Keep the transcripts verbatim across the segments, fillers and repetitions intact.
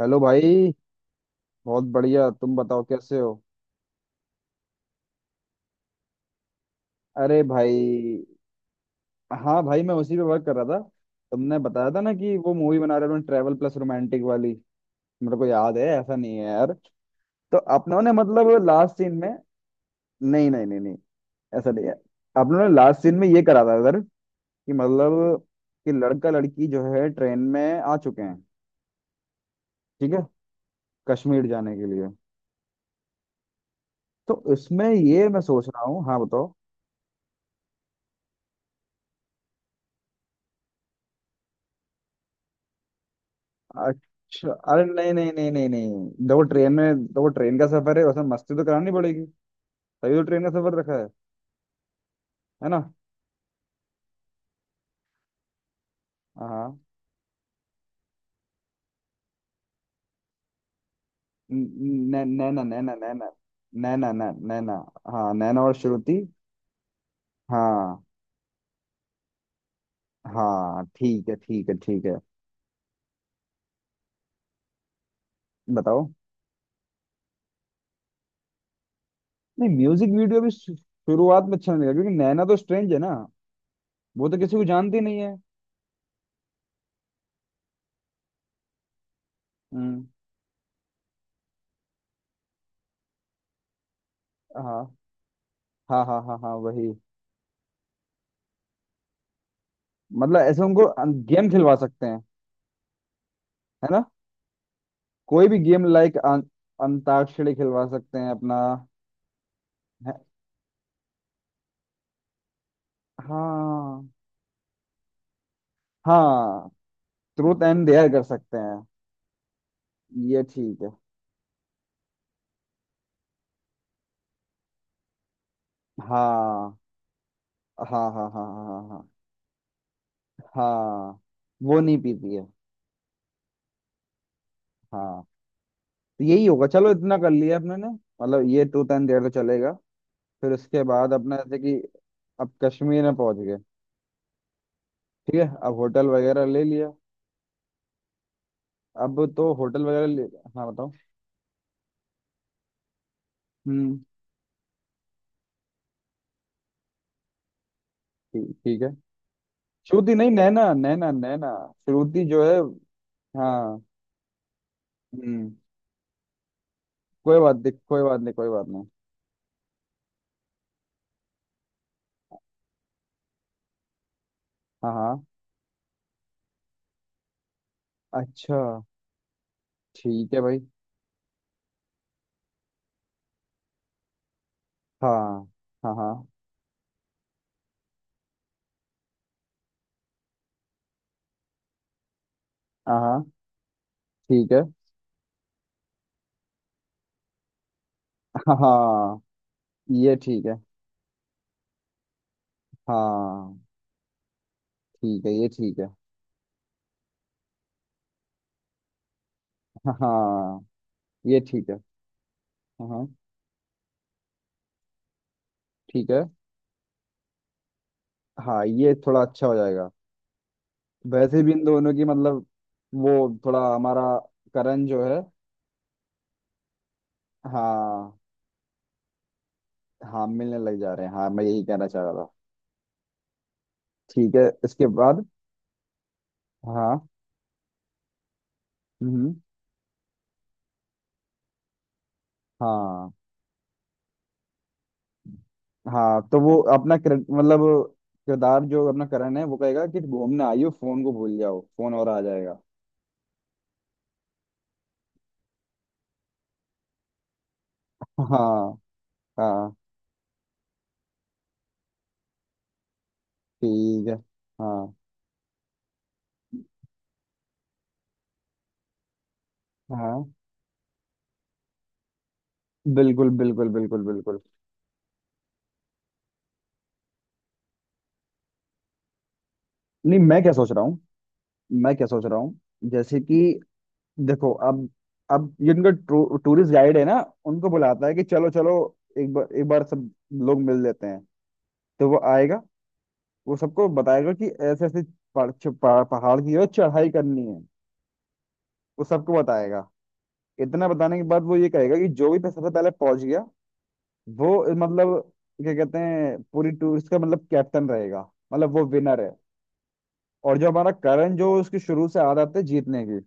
Hello भाई। बहुत बढ़िया, तुम बताओ कैसे हो। अरे भाई, हाँ भाई, मैं उसी पे वर्क कर रहा था। तुमने बताया था ना कि वो मूवी बना रहे हो, ट्रैवल प्लस रोमांटिक वाली। मेरे को याद है, ऐसा नहीं है यार। तो अपनों ने मतलब लास्ट सीन में। नहीं नहीं नहीं नहीं, ऐसा नहीं है। अपनों ने लास्ट सीन में ये करा था सर। कि मतलब कि लड़का लड़की जो है ट्रेन में आ चुके हैं। ठीक है, कश्मीर जाने के लिए। तो इसमें ये मैं सोच रहा हूँ। हाँ बताओ। अच्छा, अरे नहीं नहीं नहीं नहीं नहीं, देखो ट्रेन में, देखो ट्रेन का सफर है, उसमें मस्ती तो करानी पड़ेगी। तभी तो ट्रेन का सफर रखा है है ना। हाँ। न- न- नैना नैना नैना। नैना नैना नैना। हाँ नैना और श्रुति। हाँ हाँ ठीक है ठीक है ठीक है। बताओ। नहीं, म्यूजिक वीडियो भी शु- शुरुआत में अच्छा नहीं लगा, क्योंकि नैना तो स्ट्रेंज है ना। वो तो किसी को जानती नहीं है। हम्म। हाँ हाँ हाँ हाँ हाँ, वही। मतलब ऐसे उनको गेम खिलवा सकते हैं, है ना। कोई भी गेम लाइक अं, अंताक्षरी खिलवा सकते हैं अपना। है- हाँ। हाँ ट्रूथ एंड डेयर कर सकते हैं। ये ठीक है। हाँ हाँ हाँ हाँ हाँ हाँ हाँ। हाँ। वो नहीं पीती है। हाँ, तो यही होगा, चलो इतना कर लिया अपने ने। मतलब ये ट्रूथ एंड डेयर तो चलेगा। फिर उसके बाद अपना जैसे कि अब कश्मीर में पहुंच गए। ठीक है, अब होटल वगैरह ले लिया। अब तो होटल वगैरह ले। हाँ बताओ। हम्म। ठीक ठीक है। श्रुति नहीं, नैना नैना नैना। श्रुति जो है। हाँ। हम्म। कोई बात नहीं, कोई बात नहीं, कोई बात नहीं। हाँ हाँ। अच्छा। ठीक है भाई। हाँ हाँ हाँ हाँ हाँ। ठीक है। हाँ ये ठीक है। हाँ ठीक है, ये ठीक है। हाँ ये ठीक है। हाँ हाँ। ठीक है। हाँ, ये थोड़ा अच्छा हो जाएगा। वैसे भी इन दोनों की मतलब वो, थोड़ा हमारा। करण जो है। हाँ। हाँ मिलने लग जा रहे हैं, हाँ मैं यही कहना चाह रहा था। ठीक है, इसके बाद। हाँ। हम्म। हाँ। हाँ तो वो अपना किर- मतलब किरदार जो अपना करण है वो कहेगा कि घूमने आई हो, फोन को भूल जाओ, फोन और आ जाएगा। हाँ। हाँ। ठीक है। हाँ। हाँ बिल्कुल बिल्कुल बिल्कुल बिल्कुल। नहीं, मैं क्या सोच रहा हूँ। मैं क्या सोच रहा हूँ। जैसे कि देखो, अब अब ये उनका टू, टूरिस्ट गाइड है ना, उनको बुलाता है कि चलो चलो एक बार, एक बार सब लोग मिल लेते हैं। तो वो आएगा, वो सबको बताएगा कि ऐसे ऐसे पहाड़ छ- पहाड़- पहाड़ की है, चढ़ाई करनी है। वो सबको बताएगा। इतना बताने के बाद वो ये कहेगा कि जो भी पे- सबसे पहले पहुंच गया वो मतलब क्या कहते हैं पूरी टूरिस्ट का मतलब कैप्टन रहेगा, मतलब वो विनर है। और जो हमारा करण, जो उसकी शुरू से आदत है जीतने की।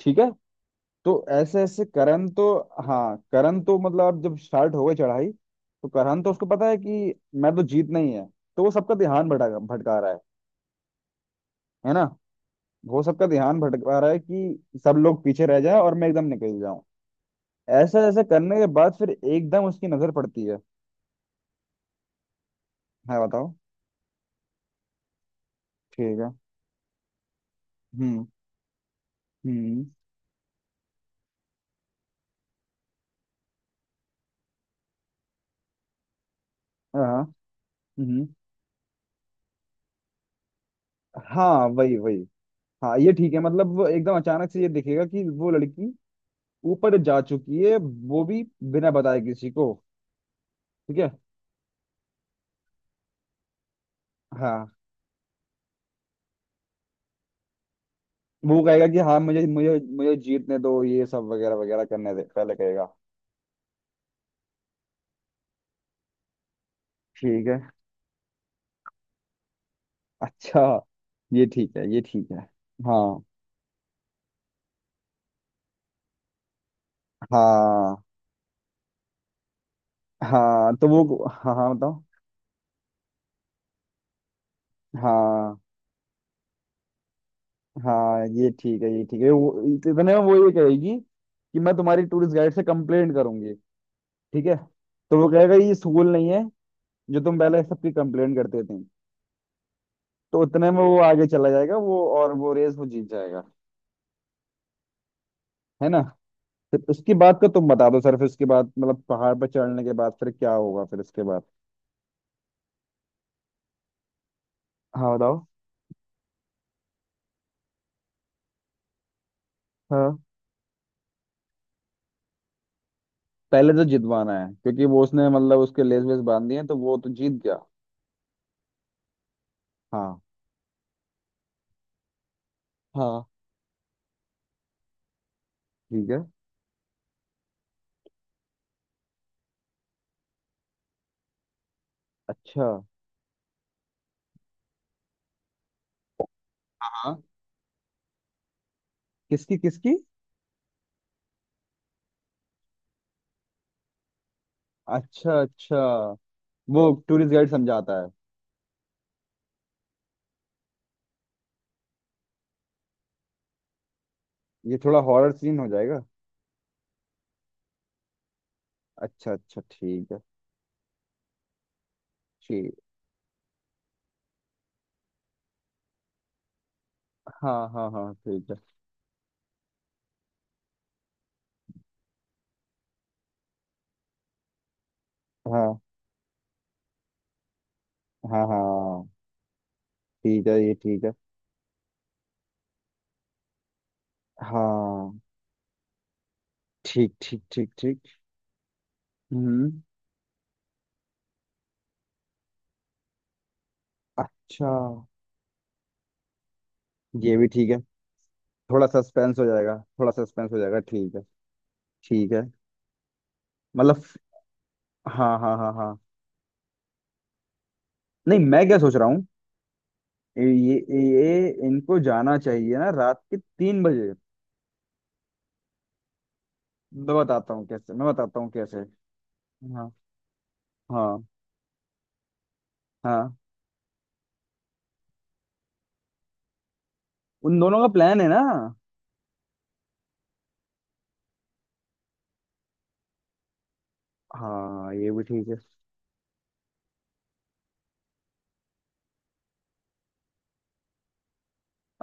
ठीक है। तो ऐसे ऐसे करण तो। हाँ करण तो मतलब अब जब स्टार्ट हो गई चढ़ाई तो करण तो उसको पता है कि मैं तो जीतना ही है। तो वो सबका ध्यान भटका भटका रहा है है ना। वो सबका ध्यान भटका रहा है कि सब लोग पीछे रह जाए और मैं एकदम निकल जाऊं। ऐसा ऐसा करने के बाद फिर एकदम उसकी नजर पड़ती है। हाँ बताओ। ठीक है। हम्म। हम्म। हाँ। हम्म। हाँ वही वही। हाँ ये ठीक है, मतलब वो एकदम अचानक से ये दिखेगा कि वो लड़की ऊपर जा चुकी है। वो भी बिना बताए किसी को। ठीक है। हाँ, वो कहेगा कि हाँ मुझे मुझे मुझे जीतने दो, ये सब वगैरह वगैरह करने दे, पहले कहेगा। ठीक है। अच्छा। ये ठीक है, ये ठीक है। हाँ। हाँ। हाँ तो वो। हाँ हाँ बताओ। हाँ। हाँ ये ठीक है, ये ठीक है। वो इतने में वो ये कहेगी कि मैं तुम्हारी टूरिस्ट गाइड से कंप्लेंट करूंगी। ठीक है। तो वो कहेगा ये स्कूल नहीं है, जो तुम पहले सबकी कंप्लेंट करते थे। तो उतने में वो आगे चला जाएगा वो, और वो रेस वो जीत जाएगा, है ना। फिर उसकी बात का तुम बता दो सर, फिर उसके बाद मतलब पहाड़ पर चढ़ने के बाद फिर क्या होगा, फिर इसके बाद। हाँ बताओ। हाँ पहले तो जितवाना है, क्योंकि वो उसने मतलब उसके लेस वेस बांध दिए हैं, तो वो तो जीत गया। हाँ। हाँ। ठीक है। अच्छा। हाँ। किसकी किसकी। अच्छा अच्छा। वो टूरिस्ट गाइड समझाता है। ये थोड़ा हॉरर सीन हो जाएगा। अच्छा अच्छा ठीक है। ठीक। हाँ हाँ हाँ ठीक है। हाँ हाँ हाँ। ठीक है, ये ठीक है। हाँ। ठीक ठीक ठीक ठीक। हम्म। अच्छा। ये भी ठीक है। थोड़ा सस्पेंस हो जाएगा, थोड़ा सस्पेंस हो जाएगा, ठीक है। ठीक है। मतलब। हाँ हाँ हाँ हाँ। नहीं, मैं क्या सोच रहा हूँ। ये ये इनको जाना चाहिए ना रात के तीन बजे। मैं बताता हूँ कैसे, मैं बताता हूँ कैसे। हाँ। हाँ। हाँ उन दोनों का प्लान है ना। हाँ ये भी ठीक है।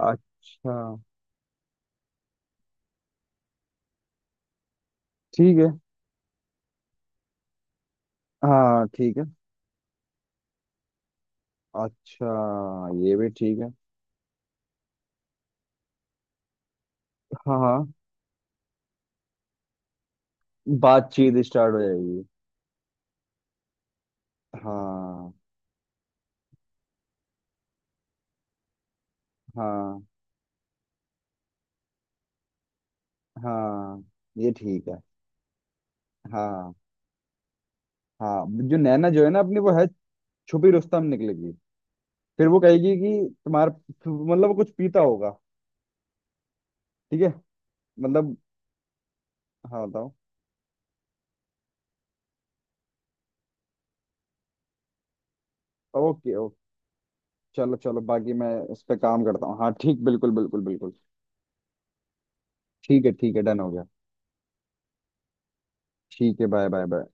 अच्छा। ठीक है। हाँ ठीक है। अच्छा। ये भी ठीक है। हाँ हाँ। बातचीत स्टार्ट हो जाएगी। हाँ। हाँ हाँ। ये ठीक है। हाँ हाँ जो नैना जो है ना अपनी वो है, छुपी रुस्तम निकलेगी। फिर वो कहेगी कि तुम्हारा मतलब वो कुछ पीता होगा। ठीक है। मतलब। हाँ बताओ। Okay okay. चलो चलो, बाकी मैं इस पे काम करता हूँ, हाँ ठीक, बिल्कुल बिल्कुल बिल्कुल। ठीक है ठीक है, डन हो गया। ठीक है, बाय बाय बाय।